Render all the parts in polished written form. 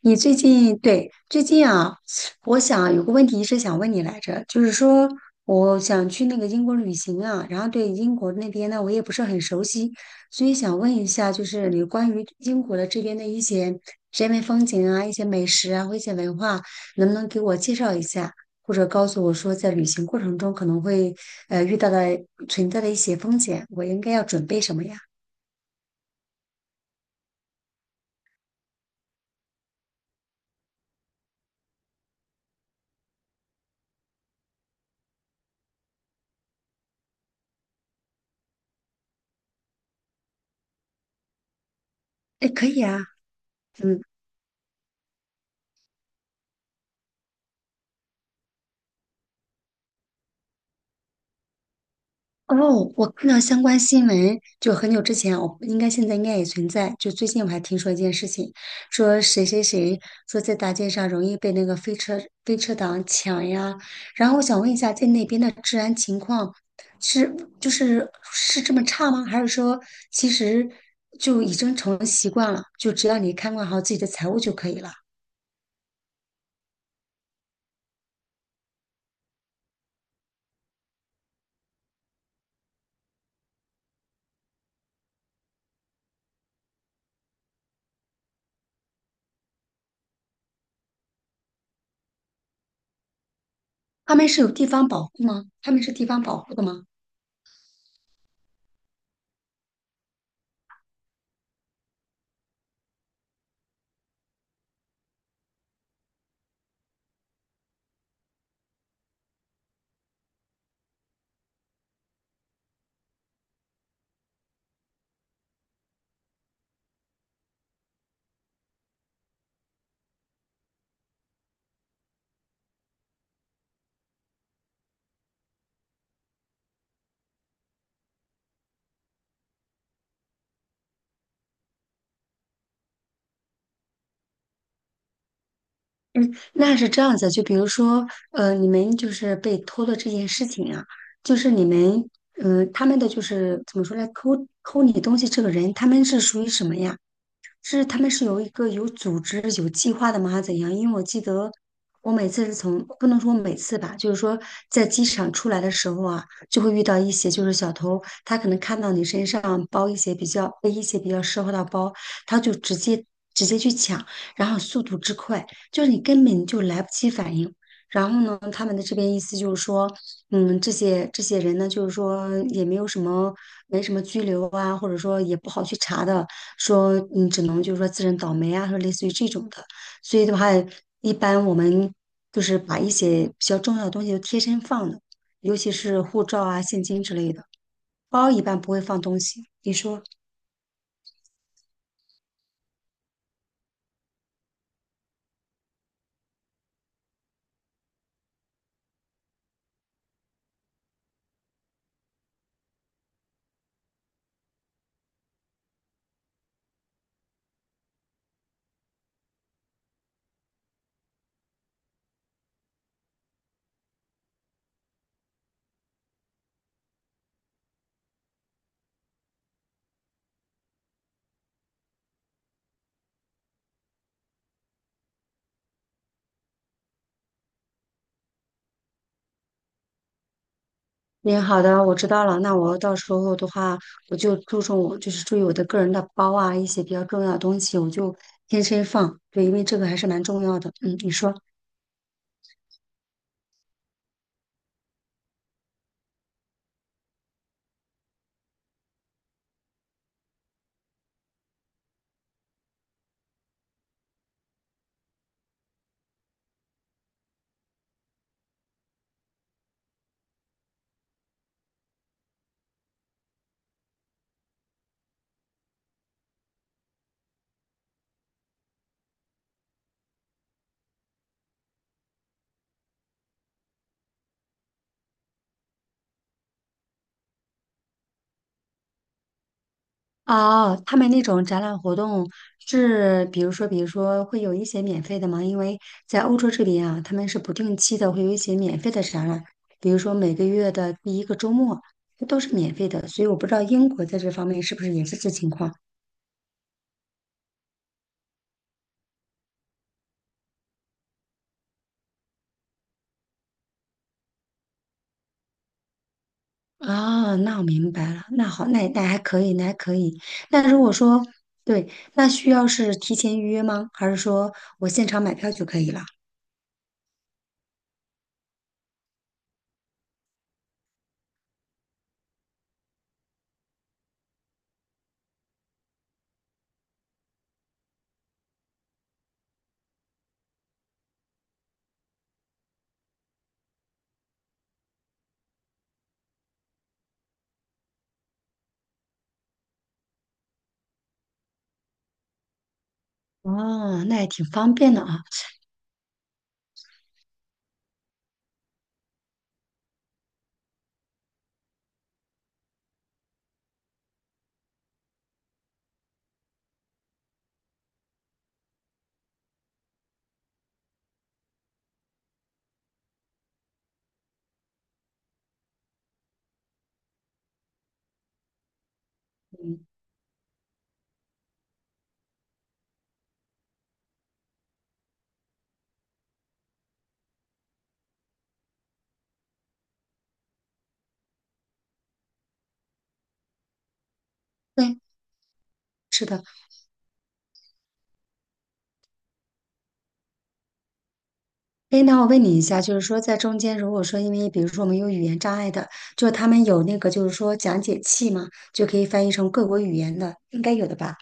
你最近我想有个问题一直想问你来着，就是说我想去那个英国旅行啊，然后对英国那边呢我也不是很熟悉，所以想问一下，就是你关于英国的这边的一些人文风景啊、一些美食啊或一些文化，能不能给我介绍一下，或者告诉我说在旅行过程中可能会遇到的存在的一些风险，我应该要准备什么呀？哎，可以啊。嗯。哦，我看到相关新闻，就很久之前，我应该现在应该也存在。就最近我还听说一件事情，说谁谁谁说在大街上容易被那个飞车党抢呀。然后我想问一下，在那边的治安情况是这么差吗？还是说其实就已经成了习惯了，就只要你看管好自己的财物就可以了？他们是有地方保护吗？他们是地方保护的吗？嗯，那是这样子，就比如说，你们就是被偷的这件事情啊，就是你们，嗯、他们的就是怎么说呢，偷你东西这个人，他们是属于什么呀？是他们是有一个有组织、有计划的吗？还是怎样？因为我记得我每次是从，不能说每次吧，就是说在机场出来的时候啊，就会遇到一些就是小偷，他可能看到你身上包一些比较背一些比较奢华的包，他就直接去抢，然后速度之快，就是你根本就来不及反应。然后呢，他们的这边意思就是说，嗯，这些人呢，就是说也没有什么，没什么拘留啊，或者说也不好去查的，说你只能就是说自认倒霉啊，说类似于这种的。所以的话，一般我们就是把一些比较重要的东西都贴身放的，尤其是护照啊、现金之类的，包一般不会放东西。你说？你好的，我知道了。那我到时候的话，我就注重我就是注意我的个人的包啊，一些比较重要的东西，我就天天放。对，因为这个还是蛮重要的。嗯，你说。哦，他们那种展览活动是，比如说会有一些免费的吗？因为在欧洲这边啊，他们是不定期的会有一些免费的展览，比如说每个月的第一个周末，这都是免费的。所以我不知道英国在这方面是不是也是这情况。啊，那我明白了。那好，那还可以。那如果说，对，那需要是提前预约吗？还是说我现场买票就可以了？哦，那也挺方便的啊。嗯，对，是的。哎，那我问你一下，就是说在中间，如果说因为比如说我们有语言障碍的，就他们有那个就是说讲解器嘛，就可以翻译成各国语言的，应该有的吧？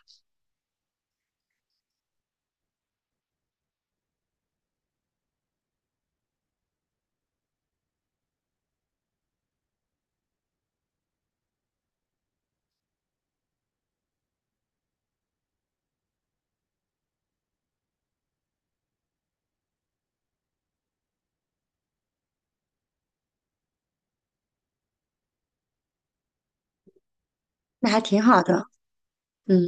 那还挺好的。嗯。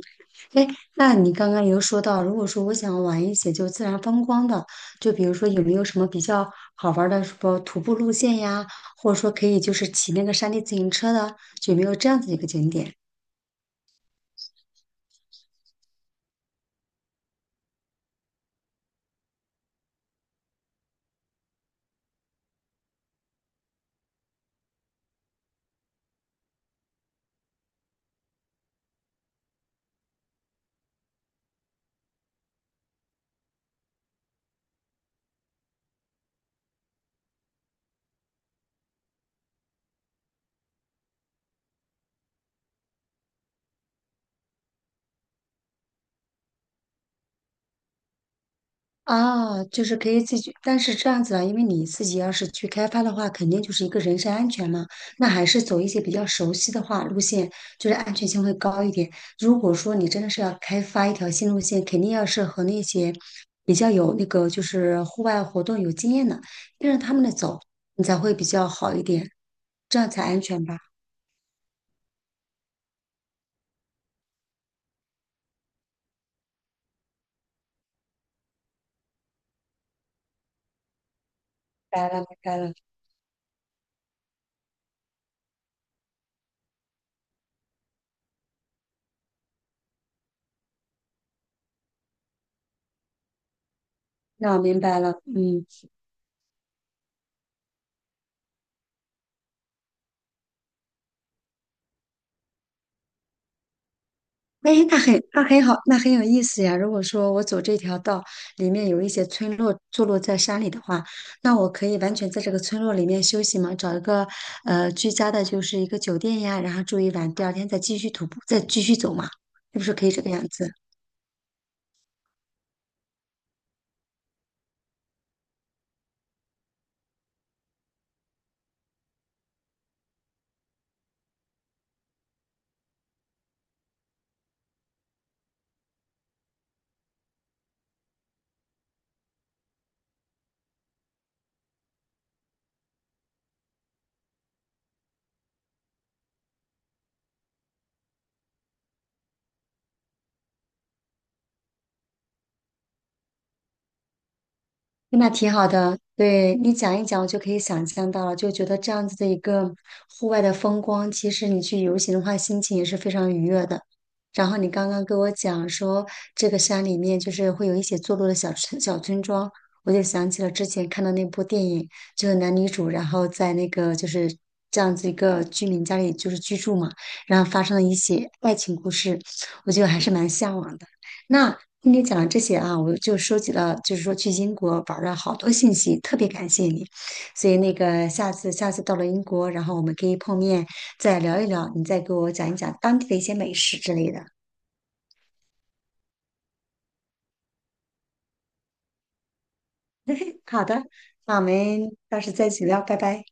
哎，那你刚刚有说到，如果说我想玩一些就自然风光的，就比如说有没有什么比较好玩儿的什么徒步路线呀，或者说可以就是骑那个山地自行车的，就有没有这样子一个景点？啊，就是可以自己，但是这样子啊，因为你自己要是去开发的话，肯定就是一个人身安全嘛，那还是走一些比较熟悉的话路线，就是安全性会高一点。如果说你真的是要开发一条新路线，肯定要是和那些比较有那个就是户外活动有经验的，跟着他们的走，你才会比较好一点，这样才安全吧。明白了，明白了，那我明白了，嗯。哎，那很好，那很有意思呀。如果说我走这条道里面有一些村落坐落在山里的话，那我可以完全在这个村落里面休息嘛，找一个居家的，就是一个酒店呀，然后住一晚，第二天再继续徒步，再继续走嘛，是不是可以这个样子？那挺好的，对你讲一讲，我就可以想象到了，就觉得这样子的一个户外的风光，其实你去游行的话，心情也是非常愉悦的。然后你刚刚跟我讲说，这个山里面就是会有一些坐落的小村庄，我就想起了之前看的那部电影，就是男女主，然后在那个就是这样子一个居民家里就是居住嘛，然后发生了一些爱情故事，我觉得还是蛮向往的。那听你讲了这些啊，我就收集了，就是说去英国玩儿了好多信息，特别感谢你。所以那个下次到了英国，然后我们可以碰面再聊一聊，你再给我讲一讲当地的一些美食之类的。好的，那我们到时再一起聊，拜拜。